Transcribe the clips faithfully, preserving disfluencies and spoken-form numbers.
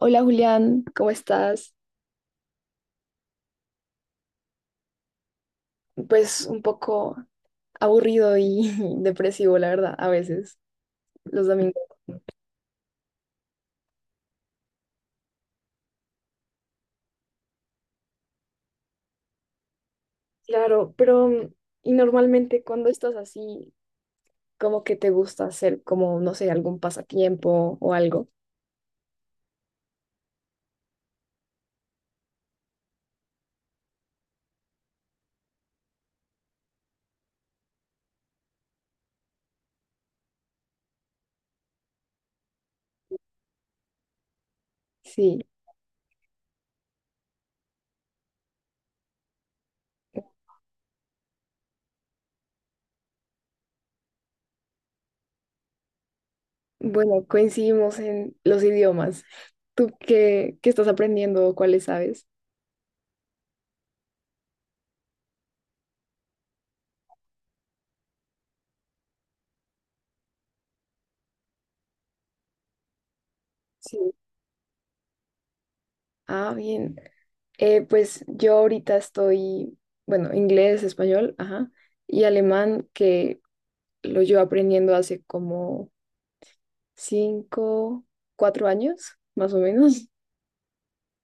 Hola Julián, ¿cómo estás? Pues un poco aburrido y depresivo, la verdad, a veces, los domingos. Claro, pero mm, y normalmente cuando estás así, Como que te gusta hacer como, no sé, algún pasatiempo o algo. Sí, bueno, coincidimos en los idiomas. ¿Tú qué, qué estás aprendiendo o cuáles sabes? Sí, ah, bien. Eh, pues yo ahorita estoy, bueno, inglés, español, ajá, y alemán, que lo llevo aprendiendo hace como cinco, cuatro años, más o menos.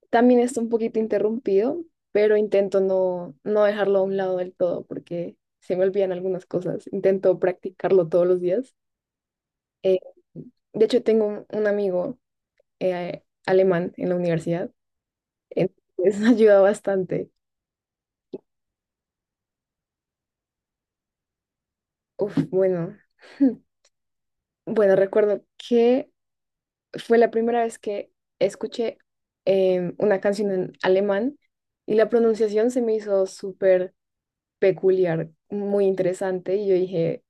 También está un poquito interrumpido, pero intento no, no dejarlo a un lado del todo porque se me olvidan algunas cosas. Intento practicarlo todos los días. Eh, de hecho, tengo un, un amigo eh, alemán en la universidad, entonces ayuda bastante. Uf, bueno, bueno, recuerdo que fue la primera vez que escuché em, una canción en alemán y la pronunciación se me hizo súper peculiar, muy interesante y yo dije.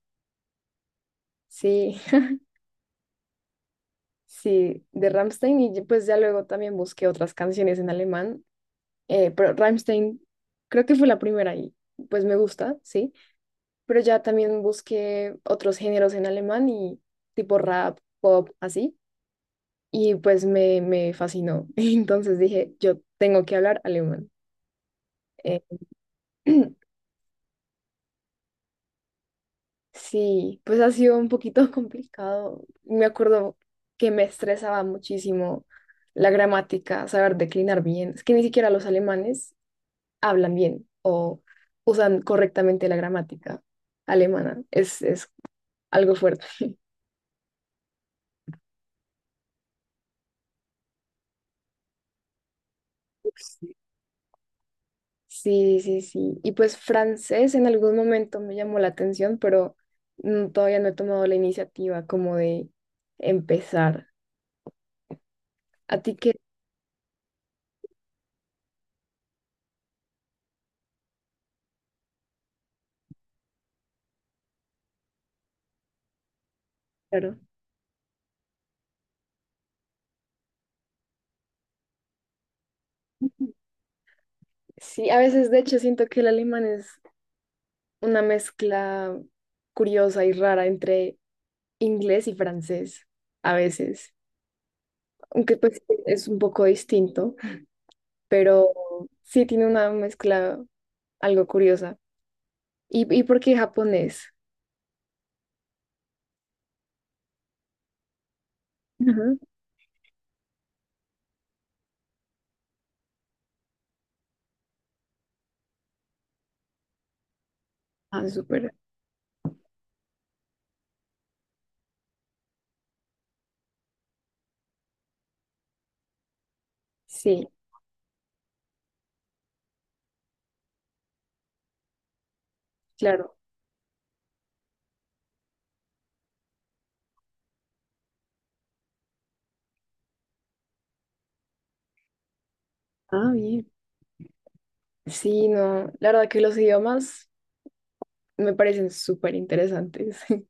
Sí, sí, de Rammstein y pues ya luego también busqué otras canciones en alemán, eh, pero Rammstein creo que fue la primera y pues me gusta, sí, pero ya también busqué otros géneros en alemán y tipo rap, pop, así. Y pues me, me fascinó. Entonces dije, yo tengo que hablar alemán. eh, Sí, pues ha sido un poquito complicado. Me acuerdo que me estresaba muchísimo la gramática, saber declinar bien. Es que ni siquiera los alemanes hablan bien o usan correctamente la gramática alemana. Es, es algo fuerte. Sí. Sí, sí, sí. Y pues francés en algún momento me llamó la atención, pero mm, todavía no he tomado la iniciativa como de empezar. ¿A ti qué? Claro. Sí, a veces de hecho siento que el alemán es una mezcla curiosa y rara entre inglés y francés, a veces, aunque pues es un poco distinto, pero sí tiene una mezcla algo curiosa. ¿Y, y por qué japonés? Ujú. Ah, súper. Sí, claro. Ah, bien. Sí, no, la verdad que los idiomas me parecen súper interesantes,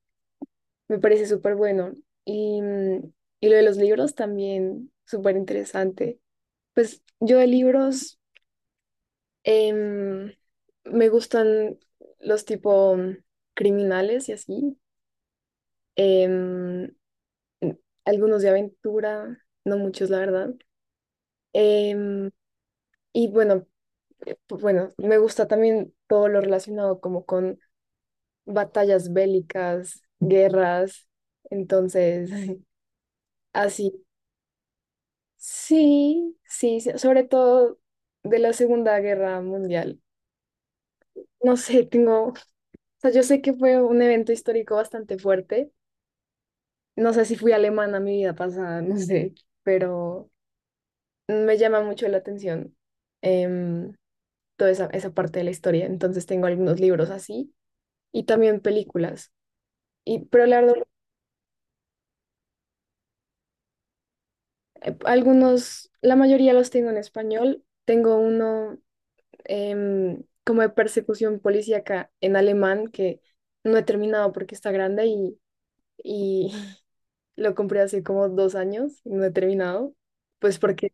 me parece súper bueno. Y, mm, y lo de los libros también, súper interesante. Pues yo de libros em, me gustan los tipo mm, criminales y así. em, algunos de aventura, no muchos, la verdad. em, y bueno, eh, pu- bueno, me gusta también todo lo relacionado como con batallas bélicas, guerras. Entonces, así. Sí, sí, sí, sobre todo de la Segunda Guerra Mundial. No sé, tengo sea, yo sé que fue un evento histórico bastante fuerte. No sé si fui alemana mi vida pasada, no sé, pero me llama mucho la atención em, toda esa, esa parte de la historia. Entonces tengo algunos libros así y también películas. Y, pero la verdad, eh, algunos, la mayoría los tengo en español. Tengo uno em, como de persecución policíaca en alemán que no he terminado porque está grande y, y lo compré hace como dos años y no he terminado, pues porque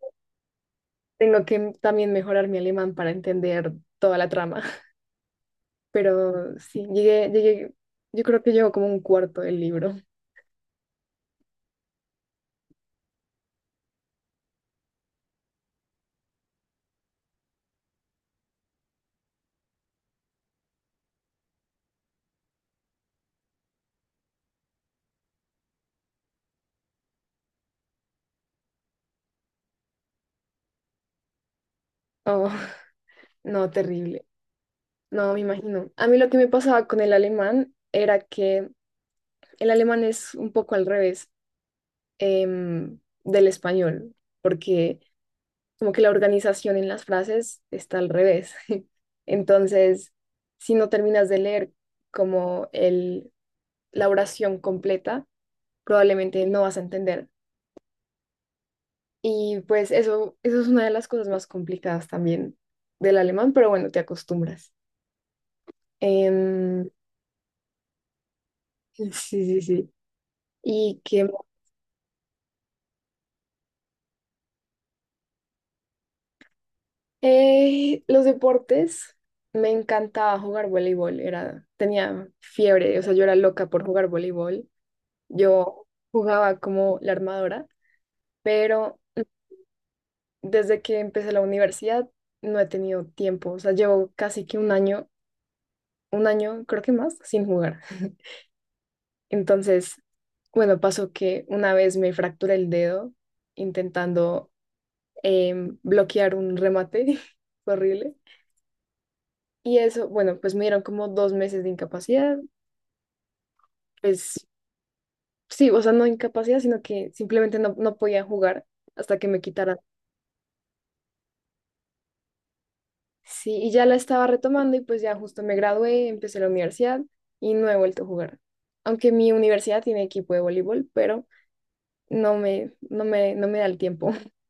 tengo que también mejorar mi alemán para entender toda la trama. Pero sí, llegué, llegué, yo creo que llevo como un cuarto del libro. Oh, no, terrible. No, me imagino. A mí lo que me pasaba con el alemán era que el alemán es un poco al revés em, del español, porque como que la organización en las frases está al revés. Entonces, si no terminas de leer como el, la oración completa, probablemente no vas a entender. Y pues eso, eso es una de las cosas más complicadas también del alemán, pero bueno, te acostumbras. Em, sí, sí, sí. Y que. Eh, los deportes, me encantaba jugar voleibol, era, tenía fiebre, o sea, yo era loca por jugar voleibol. Yo jugaba como la armadora, pero desde que empecé la universidad no he tenido tiempo. O sea, llevo casi que un año, un año, creo que más, sin jugar. Entonces, bueno, pasó que una vez me fracturé el dedo intentando em, bloquear un remate horrible. Y eso, bueno, pues me dieron como dos meses de incapacidad. Pues sí, o sea, no incapacidad, sino que simplemente no, no podía jugar hasta que me quitaran. Sí, y ya la estaba retomando y pues ya justo me gradué, empecé la universidad y no he vuelto a jugar. Aunque mi universidad tiene equipo de voleibol, pero no me, no me, no me da el tiempo.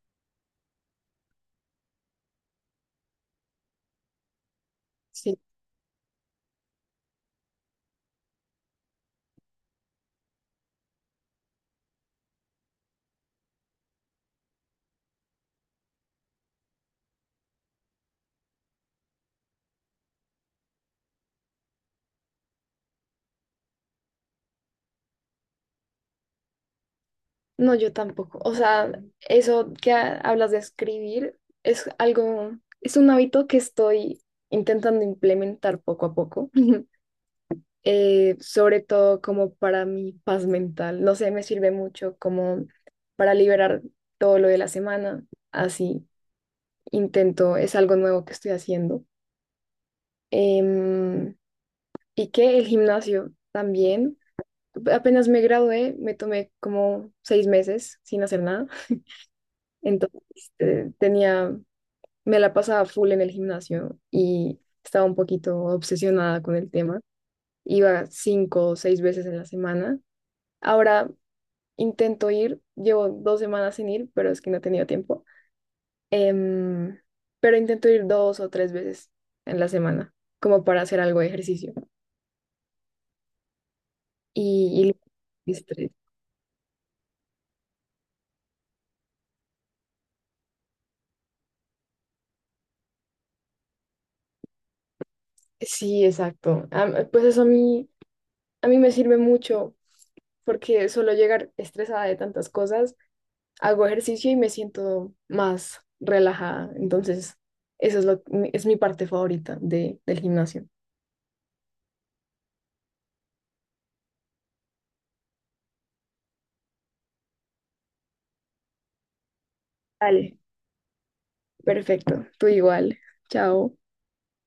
Sí. No, yo tampoco. O sea, eso que ha- hablas de escribir es algo, es un hábito que estoy intentando implementar poco a poco. Eh, sobre todo como para mi paz mental. No sé, me sirve mucho como para liberar todo lo de la semana, así. Intento, es algo nuevo que estoy haciendo. Em, y que el gimnasio también, apenas me gradué, me tomé como seis meses sin hacer nada, entonces eh, tenía, me la pasaba full en el gimnasio y estaba un poquito obsesionada con el tema. Iba cinco o seis veces en la semana. Ahora intento ir, llevo dos semanas sin ir, pero es que no he tenido tiempo. Em, pero intento ir dos o tres veces en la semana, como para hacer algo de ejercicio. Y, y estrés. Sí, exacto. Am- pues eso a mí, a mí me sirve mucho porque solo llegar estresada de tantas cosas, hago ejercicio y me siento más relajada. Entonces, eso es lo, mi- es mi parte favorita de, del gimnasio. Vale. Perfecto. Tú igual. Chao.